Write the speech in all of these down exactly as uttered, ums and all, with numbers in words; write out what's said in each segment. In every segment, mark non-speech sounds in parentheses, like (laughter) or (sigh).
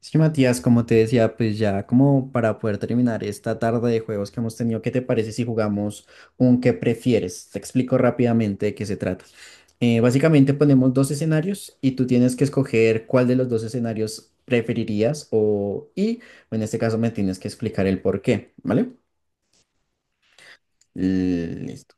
Sí, Matías, como te decía, pues ya como para poder terminar esta tarde de juegos que hemos tenido, ¿qué te parece si jugamos un qué prefieres? Te explico rápidamente de qué se trata. Eh, básicamente ponemos dos escenarios y tú tienes que escoger cuál de los dos escenarios preferirías o y en este caso me tienes que explicar el por qué, ¿vale? Listo.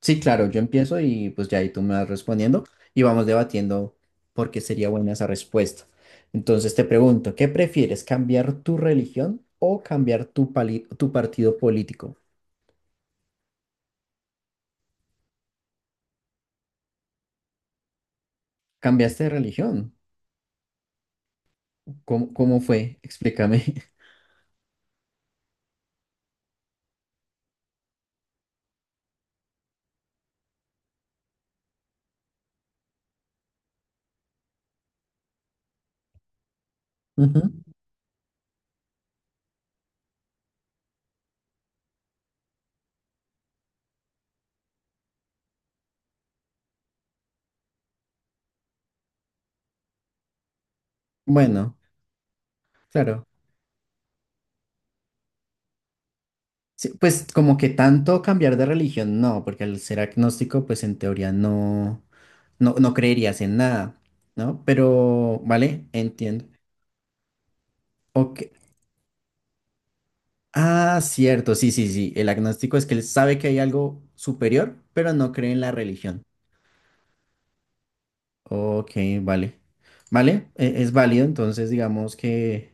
Sí, claro, yo empiezo y pues ya ahí tú me vas respondiendo y vamos debatiendo por qué sería buena esa respuesta. Entonces te pregunto, ¿qué prefieres, cambiar tu religión o cambiar tu, pali- tu partido político? ¿Cambiaste de religión? ¿Cómo, cómo fue? Explícame. (laughs) Ujú. Bueno, claro. Sí, pues como que tanto cambiar de religión, no, porque al ser agnóstico, pues en teoría no, no, no creerías en nada, ¿no? Pero, vale, entiendo. Ok. Ah, cierto, sí, sí, sí. El agnóstico es que él sabe que hay algo superior, pero no cree en la religión. Ok, vale. Vale, e- es válido, entonces digamos que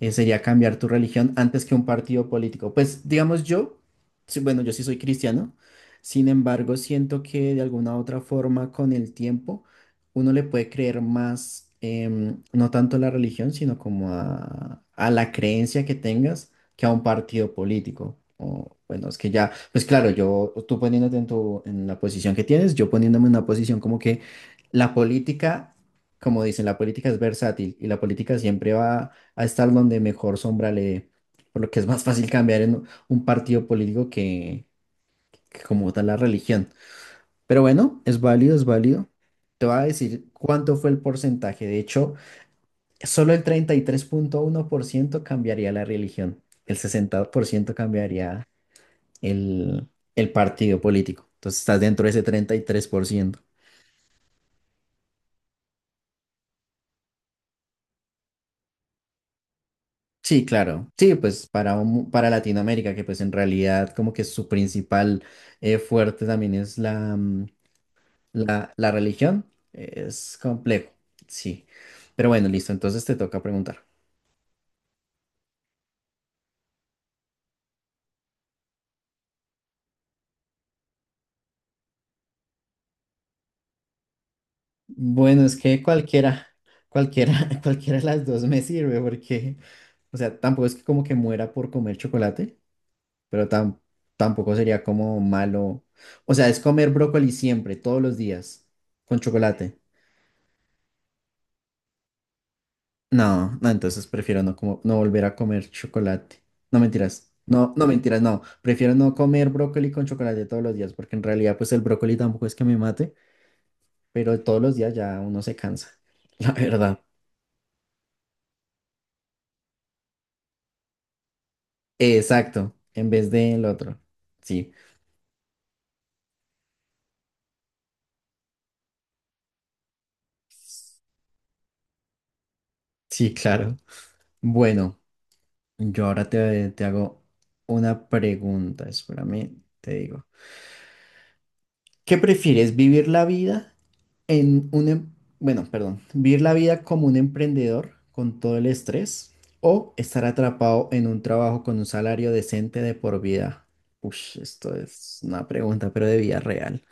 eh, sería cambiar tu religión antes que un partido político. Pues digamos yo, sí, bueno, yo sí soy cristiano, sin embargo, siento que de alguna u otra forma con el tiempo uno le puede creer más, em, no tanto a la religión, sino como a, a la creencia que tengas que a un partido político. O, bueno, es que ya, pues claro, yo, tú poniéndote en tu, en la posición que tienes, yo poniéndome en una posición como que la política, como dicen, la política es versátil y la política siempre va a estar donde mejor sombra le, por lo que es más fácil cambiar en un partido político que, que como tal la religión. Pero bueno, es válido, es válido. Te voy a decir cuánto fue el porcentaje. De hecho, solo el treinta y tres punto uno por ciento cambiaría la religión. El sesenta por ciento cambiaría el, el partido político. Entonces estás dentro de ese treinta y tres por ciento. Sí, claro. Sí, pues para, un- para Latinoamérica, que pues en realidad como que su principal eh, fuerte también es la, mm, La, la religión es complejo, sí. Pero bueno, listo, entonces te toca preguntar. Bueno, es que cualquiera, cualquiera, (laughs) cualquiera de las dos me sirve porque, o sea, tampoco es que como que muera por comer chocolate, pero tam- tampoco sería como malo. O sea, es comer brócoli siempre, todos los días, con chocolate. No, no, entonces prefiero no, como, no volver a comer chocolate. No mentiras. No, no mentiras, no. Prefiero no comer brócoli con chocolate todos los días, porque en realidad pues el brócoli tampoco es que me mate, pero todos los días ya uno se cansa, (laughs) la verdad. Exacto, en vez del otro. Sí, sí, claro. Bueno, yo ahora te, te hago una pregunta, espérame, te digo. ¿Qué prefieres, vivir la vida en un, em- bueno, perdón, vivir la vida como un emprendedor con todo el estrés, o estar atrapado en un trabajo con un salario decente de por vida? Ush, esto es una pregunta, pero de vida real.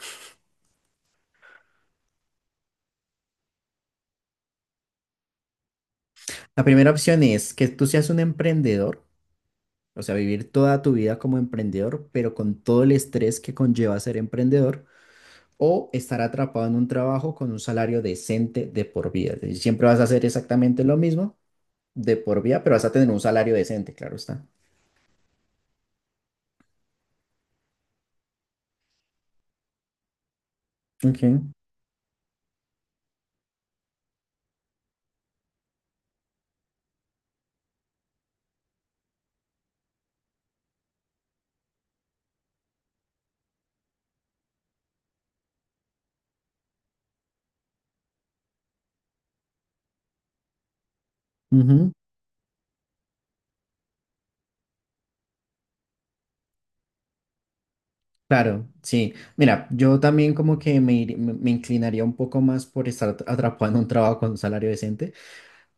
La primera opción es que tú seas un emprendedor, o sea, vivir toda tu vida como emprendedor, pero con todo el estrés que conlleva ser emprendedor. O estar atrapado en un trabajo con un salario decente de por vida. Es decir, siempre vas a hacer exactamente lo mismo de por vida, pero vas a tener un salario decente, claro está. Ok, ujú. Claro, sí. Mira, yo también como que me, ir- me me inclinaría un poco más por estar atrapado en un trabajo con un salario decente,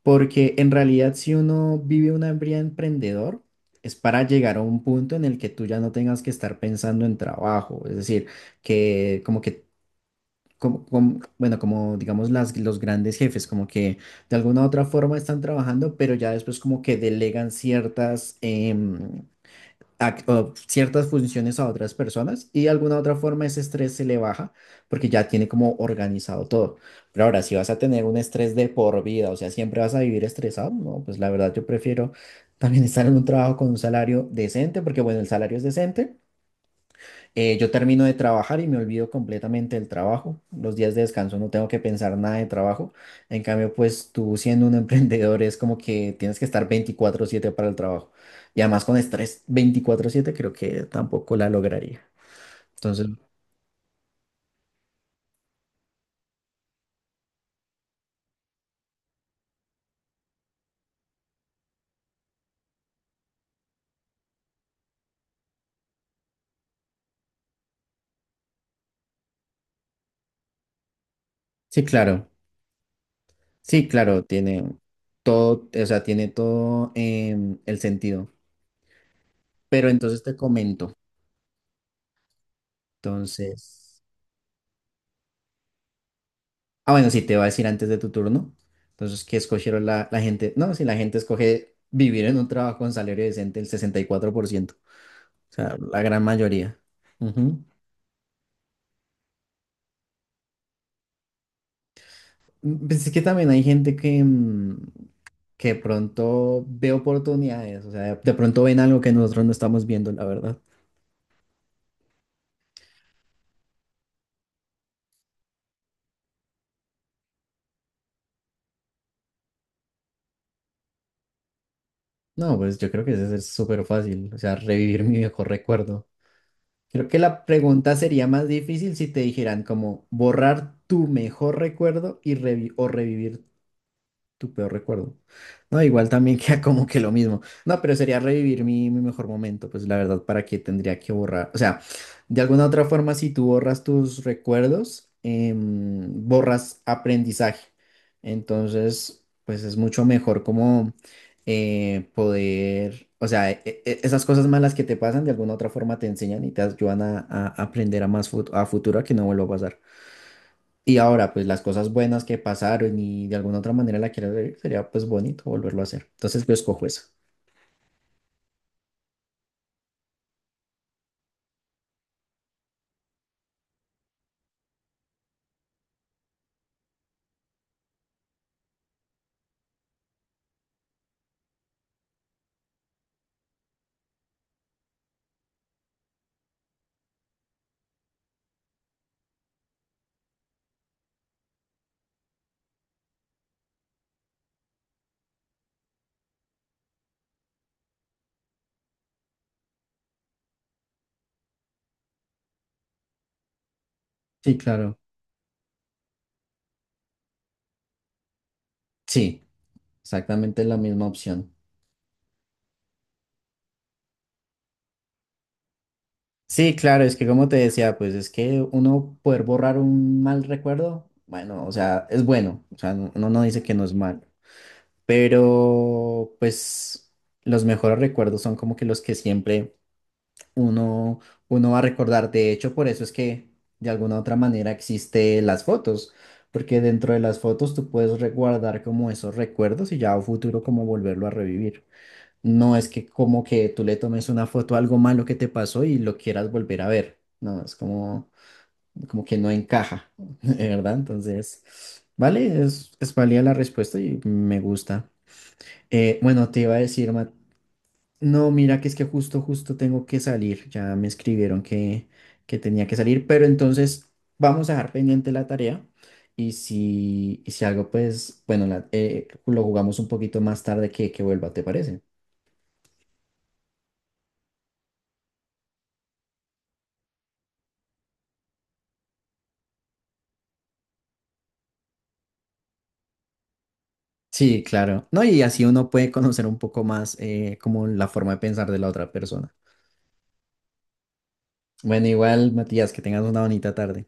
porque en realidad si uno vive una vida emprendedor, es para llegar a un punto en el que tú ya no tengas que estar pensando en trabajo, es decir, que como que, como, como- bueno, como digamos las, los grandes jefes, como que de alguna u otra forma están trabajando, pero ya después como que delegan ciertas, em, a- o ciertas funciones a otras personas y de alguna otra forma ese estrés se le baja porque ya tiene como organizado todo. Pero ahora, si vas a tener un estrés de por vida, o sea, siempre vas a vivir estresado, no, pues la verdad yo prefiero también estar en un trabajo con un salario decente, porque bueno, el salario es decente. Eh, yo termino de trabajar y me olvido completamente del trabajo. Los días de descanso no tengo que pensar nada de trabajo. En cambio, pues tú siendo un (laughs) emprendedor es como que tienes que estar veinticuatro siete para el trabajo. Y además con estrés veinticuatro siete creo que tampoco la lograría. Entonces, sí, claro. Sí, claro, tiene todo, o sea, tiene todo em, el sentido. Pero entonces te comento. Entonces... Ah, bueno, sí, te va a decir antes de tu turno. Entonces, ¿qué escogieron la, la gente? No, si la gente escoge vivir en un trabajo con salario decente, el sesenta y cuatro por ciento. O sea, la gran mayoría. Ujú. Mm. Pues es que también hay gente que, mm, que de pronto ve oportunidades. O sea, de pronto ven algo que nosotros no estamos viendo, la verdad. No, pues yo creo que eso es súper fácil. O sea, revivir mi viejo recuerdo. Creo que la pregunta sería más difícil si te dijeran como borrar tu mejor recuerdo y revi- o revivir tu peor recuerdo. No, igual también (laughs) queda como que lo mismo. No, pero sería revivir mi, mi mejor momento, pues la verdad, ¿para qué tendría que borrar? O sea, de alguna otra forma, si tú borras tus recuerdos, em, borras aprendizaje. Entonces, pues es mucho mejor como eh, poder, o sea, e- e- e, esas cosas malas que te pasan, de alguna otra forma te enseñan y te ayudan a, a aprender a más fut- a futuro a que no vuelva a pasar. Y ahora, pues las cosas buenas que pasaron y de alguna otra manera la quiero ver, sería pues bonito volverlo a hacer. Entonces yo escojo eso. Sí, claro. Sí, exactamente la misma opción. Sí, claro, es que como te decía, pues es que uno poder borrar un mal recuerdo, bueno, o sea, es bueno, o sea, no- uno no dice que no es mal, pero pues los mejores recuerdos son como que los que siempre uno, uno va a recordar. De hecho, por eso es que de alguna otra manera existe las fotos, porque dentro de las fotos tú puedes guardar como esos recuerdos y ya a futuro como volverlo a revivir. No es que como que tú le tomes una foto a algo malo que te pasó y lo quieras volver a ver. No, es como, como que no encaja, (laughs) ¿de verdad? Entonces, vale, es, es válida la respuesta y me gusta. Eh, bueno, te iba a decir, Mateo. No, mira que es que justo, justo tengo que salir. Ya me escribieron que, que tenía que salir, pero entonces vamos a dejar pendiente la tarea y si, y si algo, pues, bueno, la- eh, lo jugamos un poquito más tarde que, que vuelva, ¿te parece? Sí, claro. No, y así uno puede conocer un poco más eh, como la forma de pensar de la otra persona. Bueno, igual, Matías, que tengas una bonita tarde.